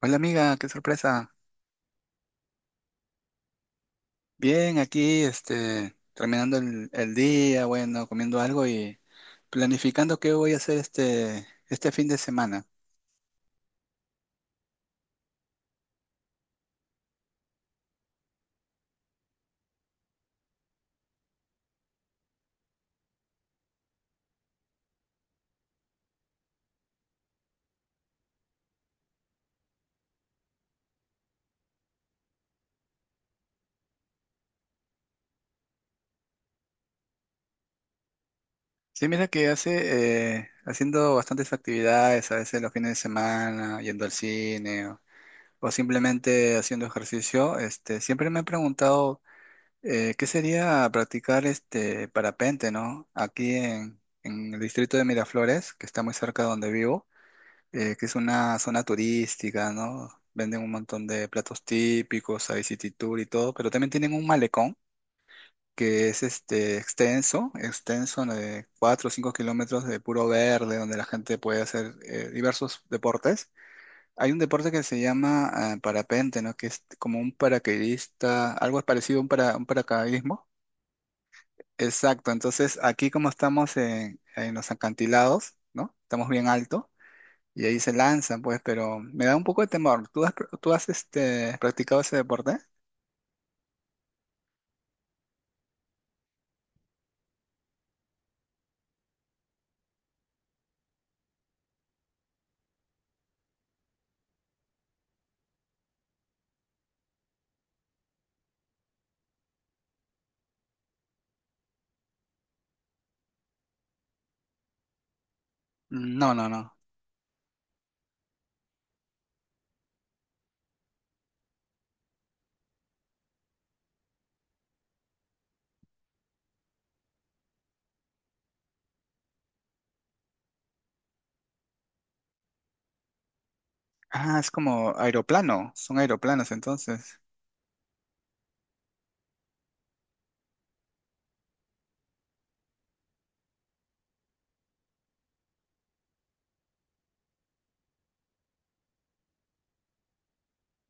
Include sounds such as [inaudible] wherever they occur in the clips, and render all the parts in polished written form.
Hola amiga, qué sorpresa. Bien, aquí, terminando el día, bueno, comiendo algo y planificando qué voy a hacer este fin de semana. Sí, mira que haciendo bastantes actividades, a veces los fines de semana, yendo al cine o simplemente haciendo ejercicio, siempre me he preguntado qué sería practicar este parapente, ¿no? Aquí en el distrito de Miraflores, que está muy cerca de donde vivo. Que es una zona turística, ¿no? Venden un montón de platos típicos, hay city tour y todo, pero también tienen un malecón que es este extenso, extenso, ¿no? De 4 o 5 kilómetros de puro verde, donde la gente puede hacer diversos deportes. Hay un deporte que se llama parapente, ¿no? Que es como un paracaidista, algo parecido a un paracaidismo. Exacto, entonces aquí como estamos en los acantilados, ¿no? Estamos bien alto y ahí se lanzan, pues, pero me da un poco de temor. ¿Tú has practicado ese deporte? No, no, no. Ah, es como aeroplano, son aeroplanos entonces.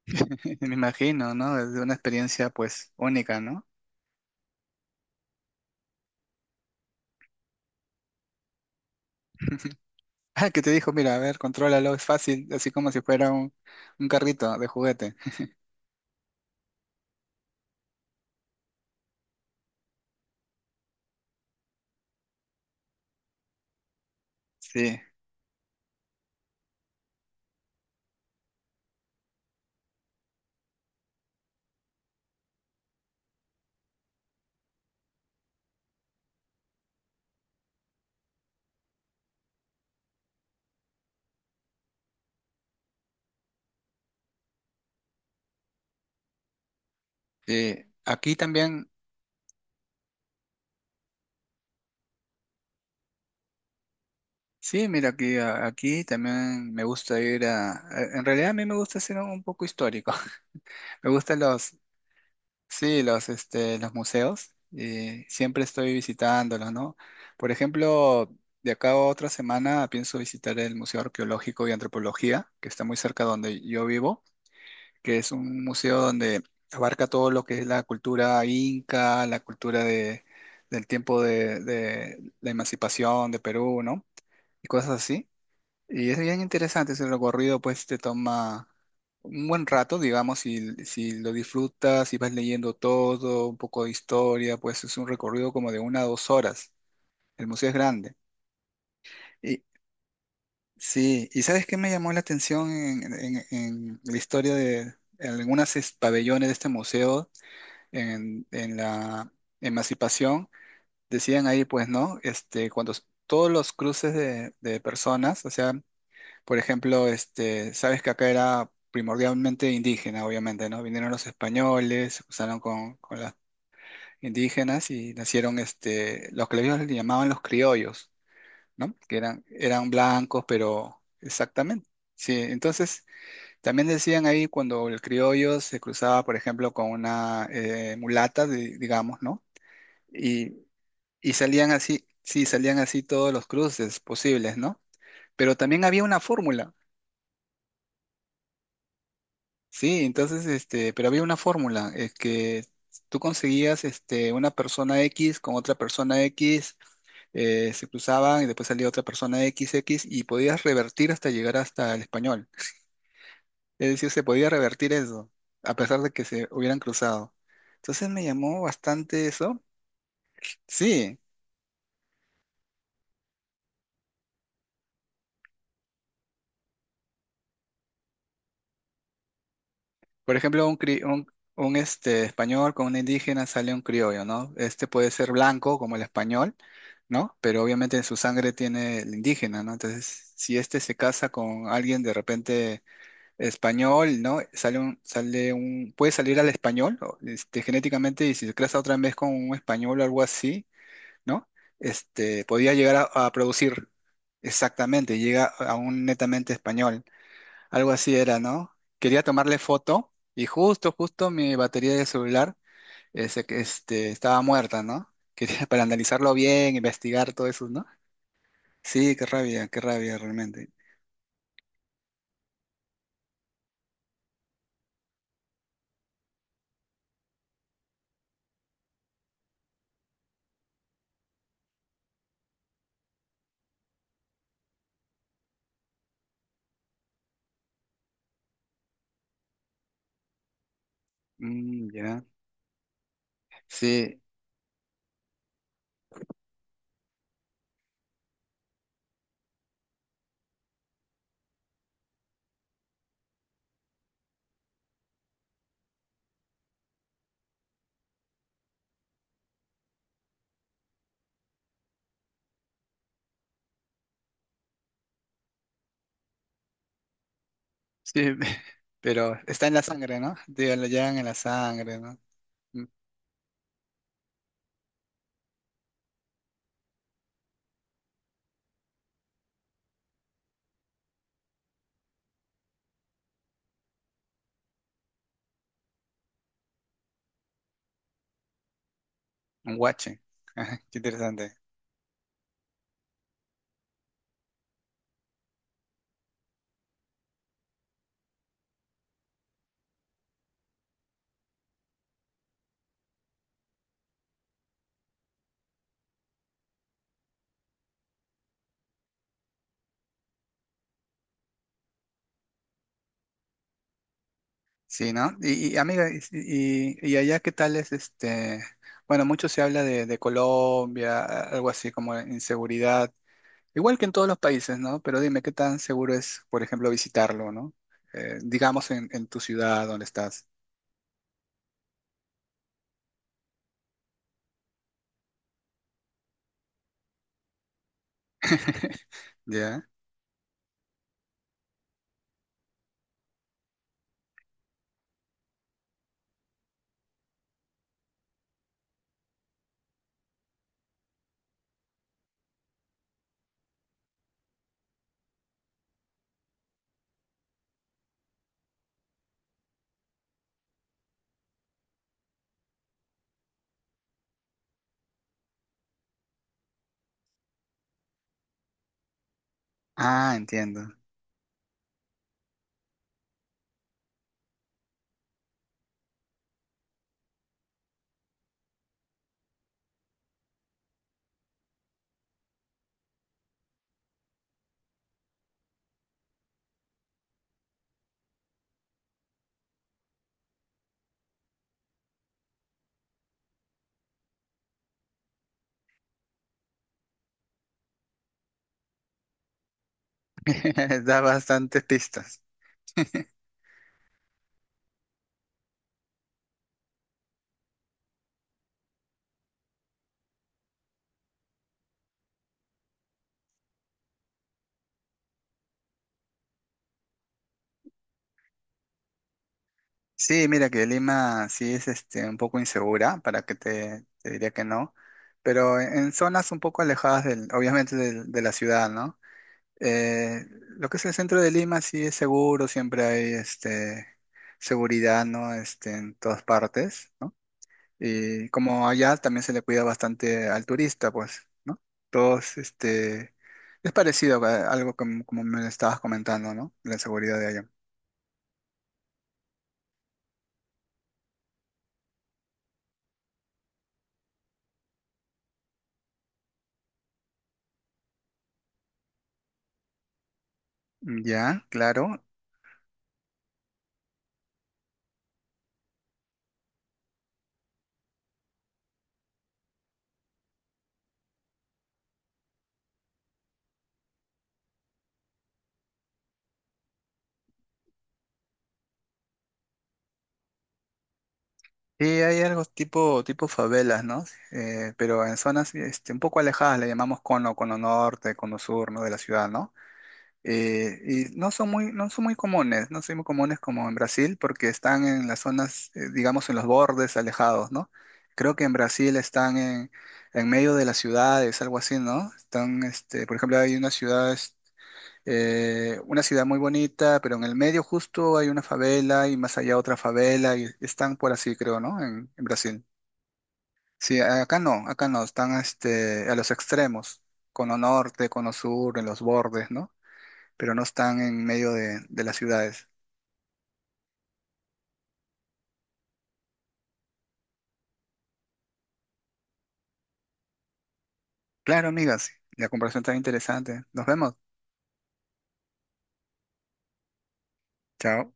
[laughs] Me imagino, ¿no? Es una experiencia pues única, ¿no? Ah, que te dijo, mira, a ver, contrólalo, es fácil, así como si fuera un carrito de juguete. [laughs] Sí, sí. Aquí también, sí, mira, aquí también me gusta ir en realidad a mí me gusta ser un poco histórico. [laughs] Me gustan los, sí, los museos, siempre estoy visitándolos, ¿no? Por ejemplo, de acá a otra semana pienso visitar el Museo Arqueológico y Antropología, que está muy cerca donde yo vivo, que es un museo donde abarca todo lo que es la cultura inca, la cultura del tiempo de la emancipación de Perú, ¿no? Y cosas así. Y es bien interesante ese recorrido, pues te toma un buen rato, digamos, si lo disfrutas, si vas leyendo todo, un poco de historia, pues es un recorrido como de 1 a 2 horas. El museo es grande. Y sí, ¿y sabes qué me llamó la atención en la historia de en algunos pabellones de este museo en la Emancipación? Decían ahí, pues, ¿no? Todos los cruces de personas, o sea. Por ejemplo, sabes que acá era primordialmente indígena, obviamente, ¿no? Vinieron los españoles, se cruzaron con las indígenas y nacieron los que ellos le llamaban los criollos, ¿no? Que eran blancos, pero exactamente. Sí, entonces también decían ahí cuando el criollo se cruzaba, por ejemplo, con una mulata, digamos, ¿no? Y, y salían así, sí, salían así todos los cruces posibles, ¿no? Pero también había una fórmula. Sí, entonces, pero había una fórmula, es que tú conseguías, una persona X con otra persona X, se cruzaban y después salía otra persona XX y podías revertir hasta llegar hasta el español. Es decir, se podía revertir eso, a pesar de que se hubieran cruzado. Entonces me llamó bastante eso. Sí, por ejemplo, un, cri- un, este, español con un indígena sale un criollo, ¿no? Este puede ser blanco como el español, ¿no? Pero obviamente en su sangre tiene el indígena, ¿no? Entonces, si este se casa con alguien de repente español, ¿no? Puede salir al español, o, genéticamente, y si se casa otra vez con un español o algo así, ¿no? Podría llegar a producir exactamente, llega a un netamente español. Algo así era, ¿no? Quería tomarle foto y justo, justo mi batería de celular ese que, estaba muerta, ¿no? [laughs] Quería para analizarlo bien, investigar todo eso, ¿no? Sí, qué rabia realmente. Mm, ya. Sí, sí, [laughs] pero está en la sangre, ¿no? Digo, lo llevan en la sangre, ¿no? Mm, un guache. [laughs] Ajá, qué interesante. Sí, ¿no? Y, amiga, y allá ¿qué tal es? Bueno, mucho se habla de Colombia, algo así como inseguridad. Igual que en todos los países, ¿no? Pero dime, ¿qué tan seguro es, por ejemplo, visitarlo, ¿no? Digamos en tu ciudad donde estás. [laughs] ¿Ya? Ah, entiendo. [laughs] Da bastantes pistas. Sí, mira que Lima sí es un poco insegura, para que te diría que no, pero en zonas un poco alejadas del, obviamente, de la ciudad, ¿no? Eh, lo que es el centro de Lima sí es seguro, siempre hay seguridad, ¿no? En todas partes, ¿no? Y como allá también se le cuida bastante al turista, pues, ¿no? Todos, es parecido a algo como me lo estabas comentando, ¿no? La seguridad de allá. Ya, claro. Y hay algo tipo favelas, ¿no? Pero en zonas, un poco alejadas, le llamamos cono norte, cono sur, ¿no? De la ciudad, ¿no? Y no son muy comunes, no son muy comunes como en Brasil porque están en las zonas, digamos, en los bordes alejados, ¿no? Creo que en Brasil están en medio de las ciudades, algo así, ¿no? Están, por ejemplo, hay una ciudad, una ciudad muy bonita, pero en el medio justo hay una favela y más allá otra favela y están por así, creo, ¿no? En Brasil. Sí, acá no, están, a los extremos, cono norte, cono sur, en los bordes, ¿no? Pero no están en medio de las ciudades. Claro, amigas, la comparación está interesante. Nos vemos. Chao.